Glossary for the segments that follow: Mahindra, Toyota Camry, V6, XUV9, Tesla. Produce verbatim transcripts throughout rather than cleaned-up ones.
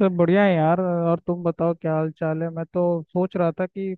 सब बढ़िया है यार। और तुम बताओ, क्या हाल चाल है? मैं तो सोच रहा था कि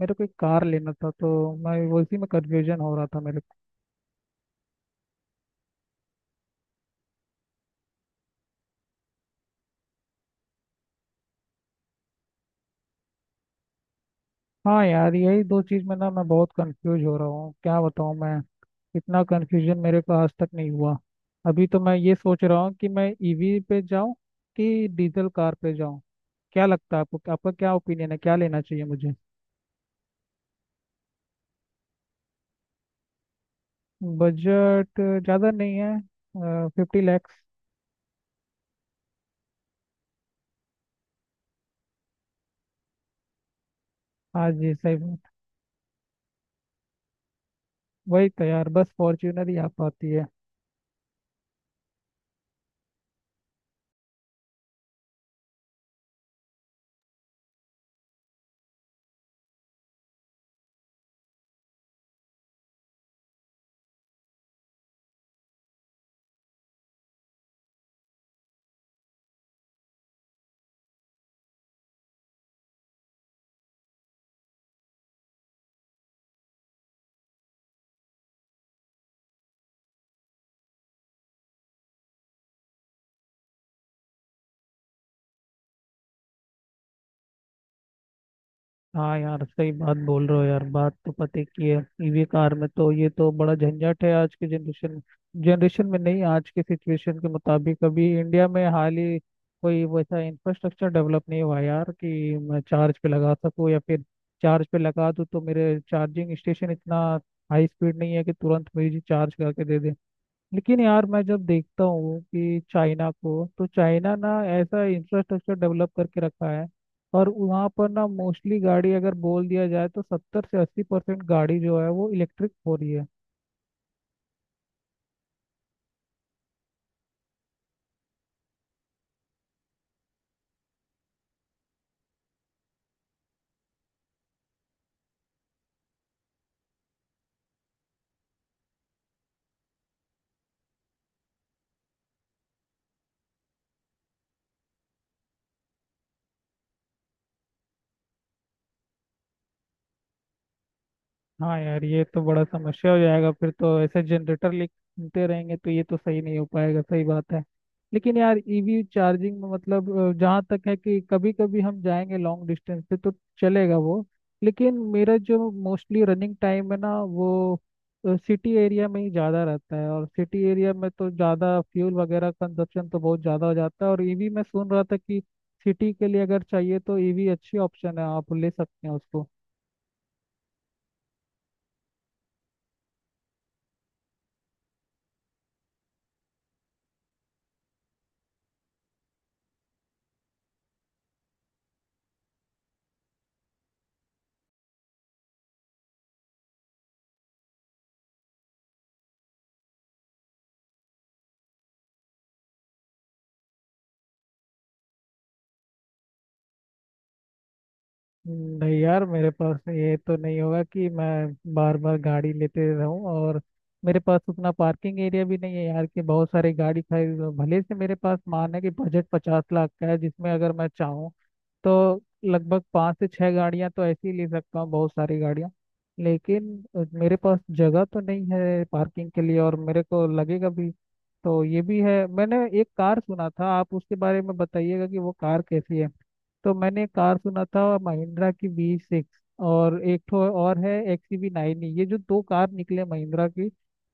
मेरे को एक कार लेना था, तो मैं वो इसी में कंफ्यूजन हो रहा था मेरे को। हाँ यार, यही दो चीज़ में ना मैं बहुत कंफ्यूज हो रहा हूँ, क्या बताऊँ मैं। इतना कंफ्यूजन मेरे को आज तक नहीं हुआ। अभी तो मैं ये सोच रहा हूँ कि मैं ईवी पे जाऊँ कि डीजल कार पे जाऊँ। क्या लगता है आपको, आपका क्या ओपिनियन है, क्या लेना चाहिए मुझे? बजट ज़्यादा नहीं है। फिफ्टी लैक्स। हाँ जी, सही बात। वही तो यार, बस फॉर्च्यूनर ही आ पाती है। हाँ यार, सही बात बोल रहे हो यार, बात तो पते की है। ईवी कार में तो ये तो बड़ा झंझट है आज के जनरेशन में। जनरेशन में नहीं, आज के सिचुएशन के मुताबिक अभी इंडिया में हाल ही कोई वैसा इंफ्रास्ट्रक्चर डेवलप नहीं हुआ यार कि मैं चार्ज पे लगा सकूँ, या फिर चार्ज पे लगा दूँ तो मेरे चार्जिंग स्टेशन इतना हाई स्पीड नहीं है कि तुरंत मुझे चार्ज करके दे दे। लेकिन यार, मैं जब देखता हूँ कि चाइना को, तो चाइना ना ऐसा इंफ्रास्ट्रक्चर डेवलप करके रखा है, और वहाँ पर ना मोस्टली गाड़ी अगर बोल दिया जाए तो सत्तर से अस्सी परसेंट गाड़ी जो है वो इलेक्ट्रिक हो रही है। हाँ यार, ये तो बड़ा समस्या हो जाएगा, फिर तो ऐसे जनरेटर लेते रहेंगे तो ये तो सही नहीं हो पाएगा, सही बात है। लेकिन यार, ईवी चार्जिंग में मतलब अ, जहाँ तक है कि कभी कभी हम जाएंगे लॉन्ग डिस्टेंस पे तो चलेगा वो। लेकिन मेरा जो मोस्टली रनिंग टाइम है ना, वो सिटी एरिया में ही ज़्यादा रहता है, और सिटी एरिया में तो ज़्यादा फ्यूल वगैरह कंजप्शन तो बहुत ज़्यादा हो जाता है। और ईवी मैं सुन रहा था कि सिटी के लिए अगर चाहिए तो ईवी अच्छी ऑप्शन है, आप ले सकते हैं उसको। नहीं यार, मेरे पास ये तो नहीं होगा कि मैं बार बार गाड़ी लेते रहूं, और मेरे पास उतना पार्किंग एरिया भी नहीं है यार कि बहुत सारी गाड़ी खरीद लूं। भले से मेरे पास मान है कि बजट पचास लाख का है, जिसमें अगर मैं चाहूँ तो लगभग पाँच से छह गाड़ियां तो ऐसी ही ले सकता हूँ, बहुत सारी गाड़ियां। लेकिन अ, मेरे पास जगह तो नहीं है पार्किंग के लिए, और मेरे को लगेगा भी तो ये भी है। मैंने एक कार सुना था, आप उसके बारे में बताइएगा कि वो कार कैसी है। तो मैंने कार सुना था महिंद्रा की वी सिक्स, और एक ठो और है एक्स वी नाइन। ये जो दो कार निकले महिंद्रा की,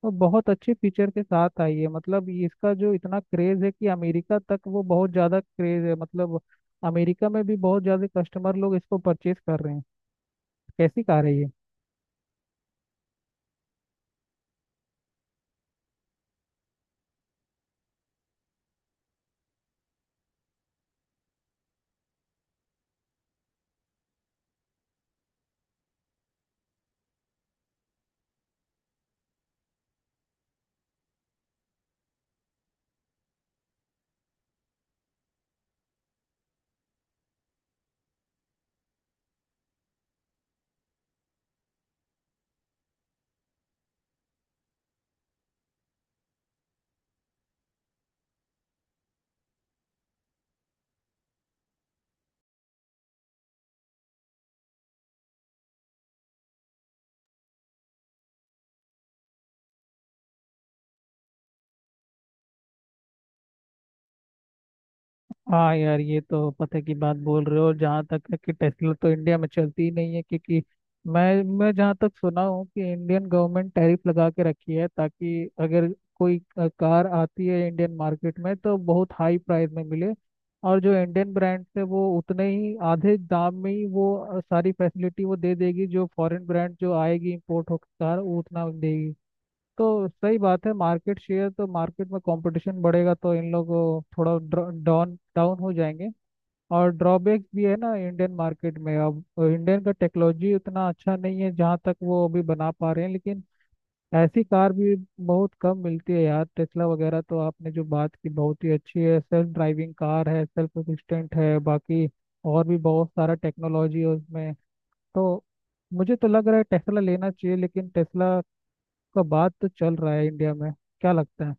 वो बहुत अच्छे फीचर के साथ आई है। मतलब ये, इसका जो इतना क्रेज है कि अमेरिका तक वो बहुत ज़्यादा क्रेज है, मतलब अमेरिका में भी बहुत ज़्यादा कस्टमर लोग इसको परचेज कर रहे हैं। कैसी कार है ये? हाँ यार, ये तो पते की बात बोल रहे हो। जहाँ तक है कि टेस्ला तो इंडिया में चलती ही नहीं है, क्योंकि मैं मैं जहाँ तक सुना हूँ कि इंडियन गवर्नमेंट टैरिफ लगा के रखी है, ताकि अगर कोई अ, कार आती है इंडियन मार्केट में तो बहुत हाई प्राइस में मिले, और जो इंडियन ब्रांड है वो उतने ही आधे दाम में ही वो अ, सारी फैसिलिटी वो दे देगी जो फॉरेन ब्रांड जो आएगी इम्पोर्ट होकर कार वो उतना देगी। तो सही बात है, मार्केट शेयर तो मार्केट में कंपटीशन बढ़ेगा तो इन लोग को थोड़ा डाउन डाउन हो जाएंगे। और ड्रॉबैक भी है ना इंडियन मार्केट में। अब इंडियन का टेक्नोलॉजी उतना अच्छा नहीं है जहाँ तक वो अभी बना पा रहे हैं, लेकिन ऐसी कार भी बहुत कम मिलती है यार। टेस्ला वगैरह तो आपने जो बात की बहुत ही अच्छी है, सेल्फ ड्राइविंग कार है, सेल्फ असिस्टेंट है, बाकी और भी बहुत सारा टेक्नोलॉजी है उसमें। तो मुझे तो लग रहा है टेस्ला लेना चाहिए, लेकिन टेस्ला का बात तो चल रहा है इंडिया में, क्या लगता है?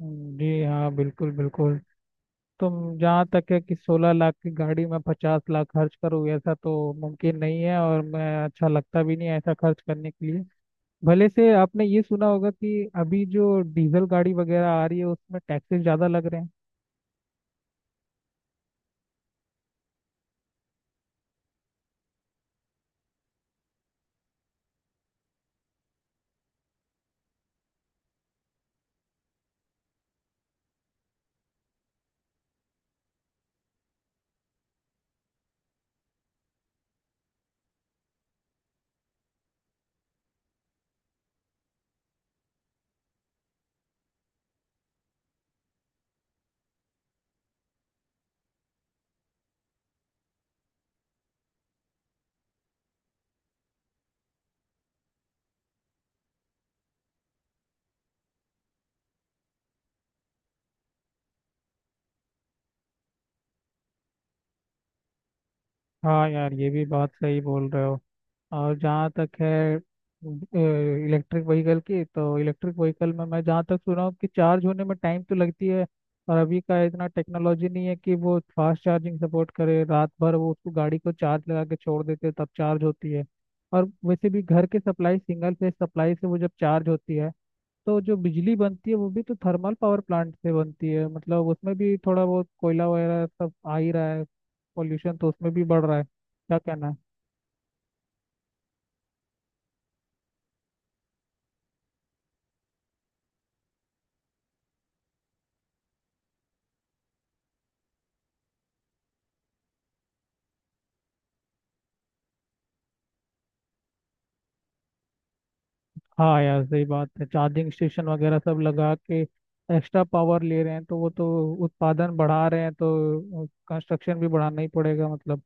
हम्म, जी हाँ, बिल्कुल बिल्कुल। तुम जहाँ तक है कि सोलह लाख की गाड़ी में पचास लाख खर्च करूँ ऐसा तो मुमकिन नहीं है, और मैं अच्छा लगता भी नहीं है ऐसा खर्च करने के लिए। भले से आपने ये सुना होगा कि अभी जो डीजल गाड़ी वगैरह आ रही है उसमें टैक्सेस ज़्यादा लग रहे हैं। हाँ यार, ये भी बात सही बोल रहे हो। और जहाँ तक है इलेक्ट्रिक व्हीकल की, तो इलेक्ट्रिक व्हीकल में मैं जहाँ तक सुना हूँ कि चार्ज होने में टाइम तो लगती है, और अभी का इतना टेक्नोलॉजी नहीं है कि वो फास्ट चार्जिंग सपोर्ट करे। रात भर वो उसको गाड़ी को चार्ज लगा के छोड़ देते हैं, तब चार्ज होती है। और वैसे भी घर के सप्लाई सिंगल फेज सप्लाई से वो जब चार्ज होती है, तो जो बिजली बनती है वो भी तो थर्मल पावर प्लांट से बनती है, मतलब उसमें भी थोड़ा बहुत कोयला वगैरह सब आ ही रहा है। पॉल्यूशन तो उसमें भी बढ़ रहा है, क्या कहना है। हाँ यार, सही बात है। चार्जिंग स्टेशन वगैरह सब लगा के एक्स्ट्रा पावर ले रहे हैं तो वो तो उत्पादन बढ़ा रहे हैं, तो कंस्ट्रक्शन भी बढ़ाना ही पड़ेगा मतलब।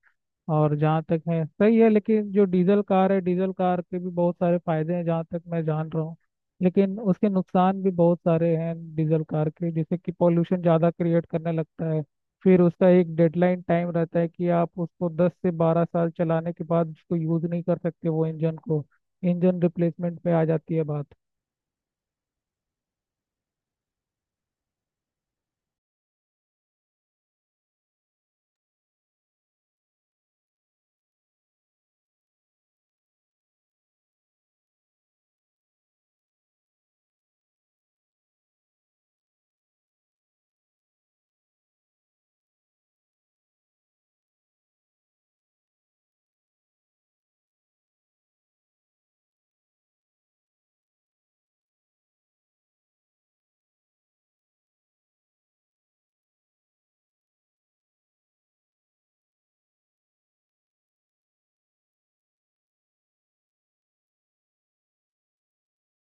और जहाँ तक है सही है, लेकिन जो डीजल कार है, डीजल कार के भी बहुत सारे फायदे हैं जहाँ तक मैं जान रहा हूँ, लेकिन उसके नुकसान भी बहुत सारे हैं डीजल कार के, जैसे कि पॉल्यूशन ज़्यादा क्रिएट करने लगता है, फिर उसका एक डेडलाइन टाइम रहता है कि आप उसको दस से बारह साल चलाने के बाद उसको यूज़ नहीं कर सकते वो इंजन को, इंजन रिप्लेसमेंट पे आ जाती है बात।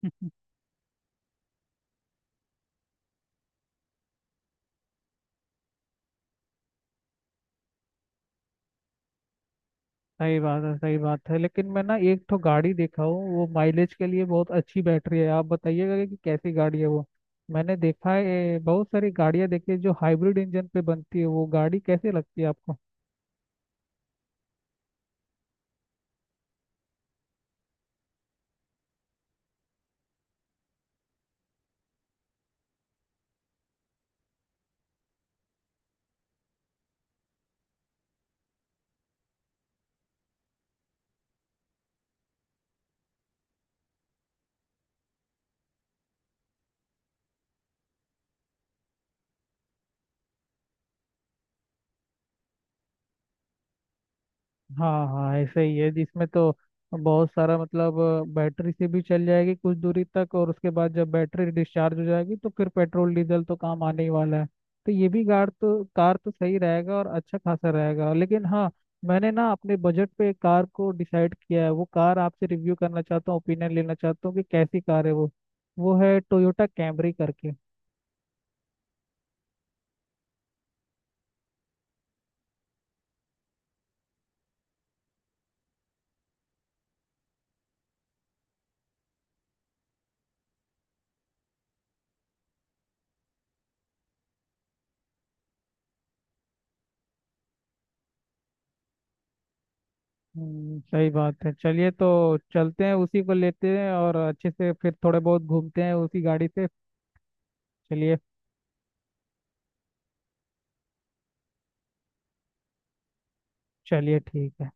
सही बात है, सही बात है। लेकिन मैं ना एक तो गाड़ी देखा हूँ, वो माइलेज के लिए बहुत अच्छी बैटरी है, आप बताइएगा कि कैसी गाड़ी है वो। मैंने देखा है ए, बहुत सारी गाड़ियाँ देखी है जो हाइब्रिड इंजन पे बनती है, वो गाड़ी कैसे लगती है आपको? हाँ हाँ, ऐसे ही है जिसमें तो बहुत सारा मतलब बैटरी से भी चल जाएगी कुछ दूरी तक, और उसके बाद जब बैटरी डिस्चार्ज हो जाएगी तो फिर पेट्रोल डीजल तो काम आने ही वाला है। तो ये भी कार तो कार तो सही रहेगा और अच्छा खासा रहेगा, लेकिन हाँ, मैंने ना अपने बजट पे एक कार को डिसाइड किया है, वो कार आपसे रिव्यू करना चाहता हूँ, ओपिनियन लेना चाहता हूँ कि कैसी कार है वो। वो है टोयोटा कैमरी करके। हम्म, सही बात है। चलिए तो चलते हैं, उसी को लेते हैं, और अच्छे से फिर थोड़े बहुत घूमते हैं उसी गाड़ी से। चलिए। चलिए ठीक है।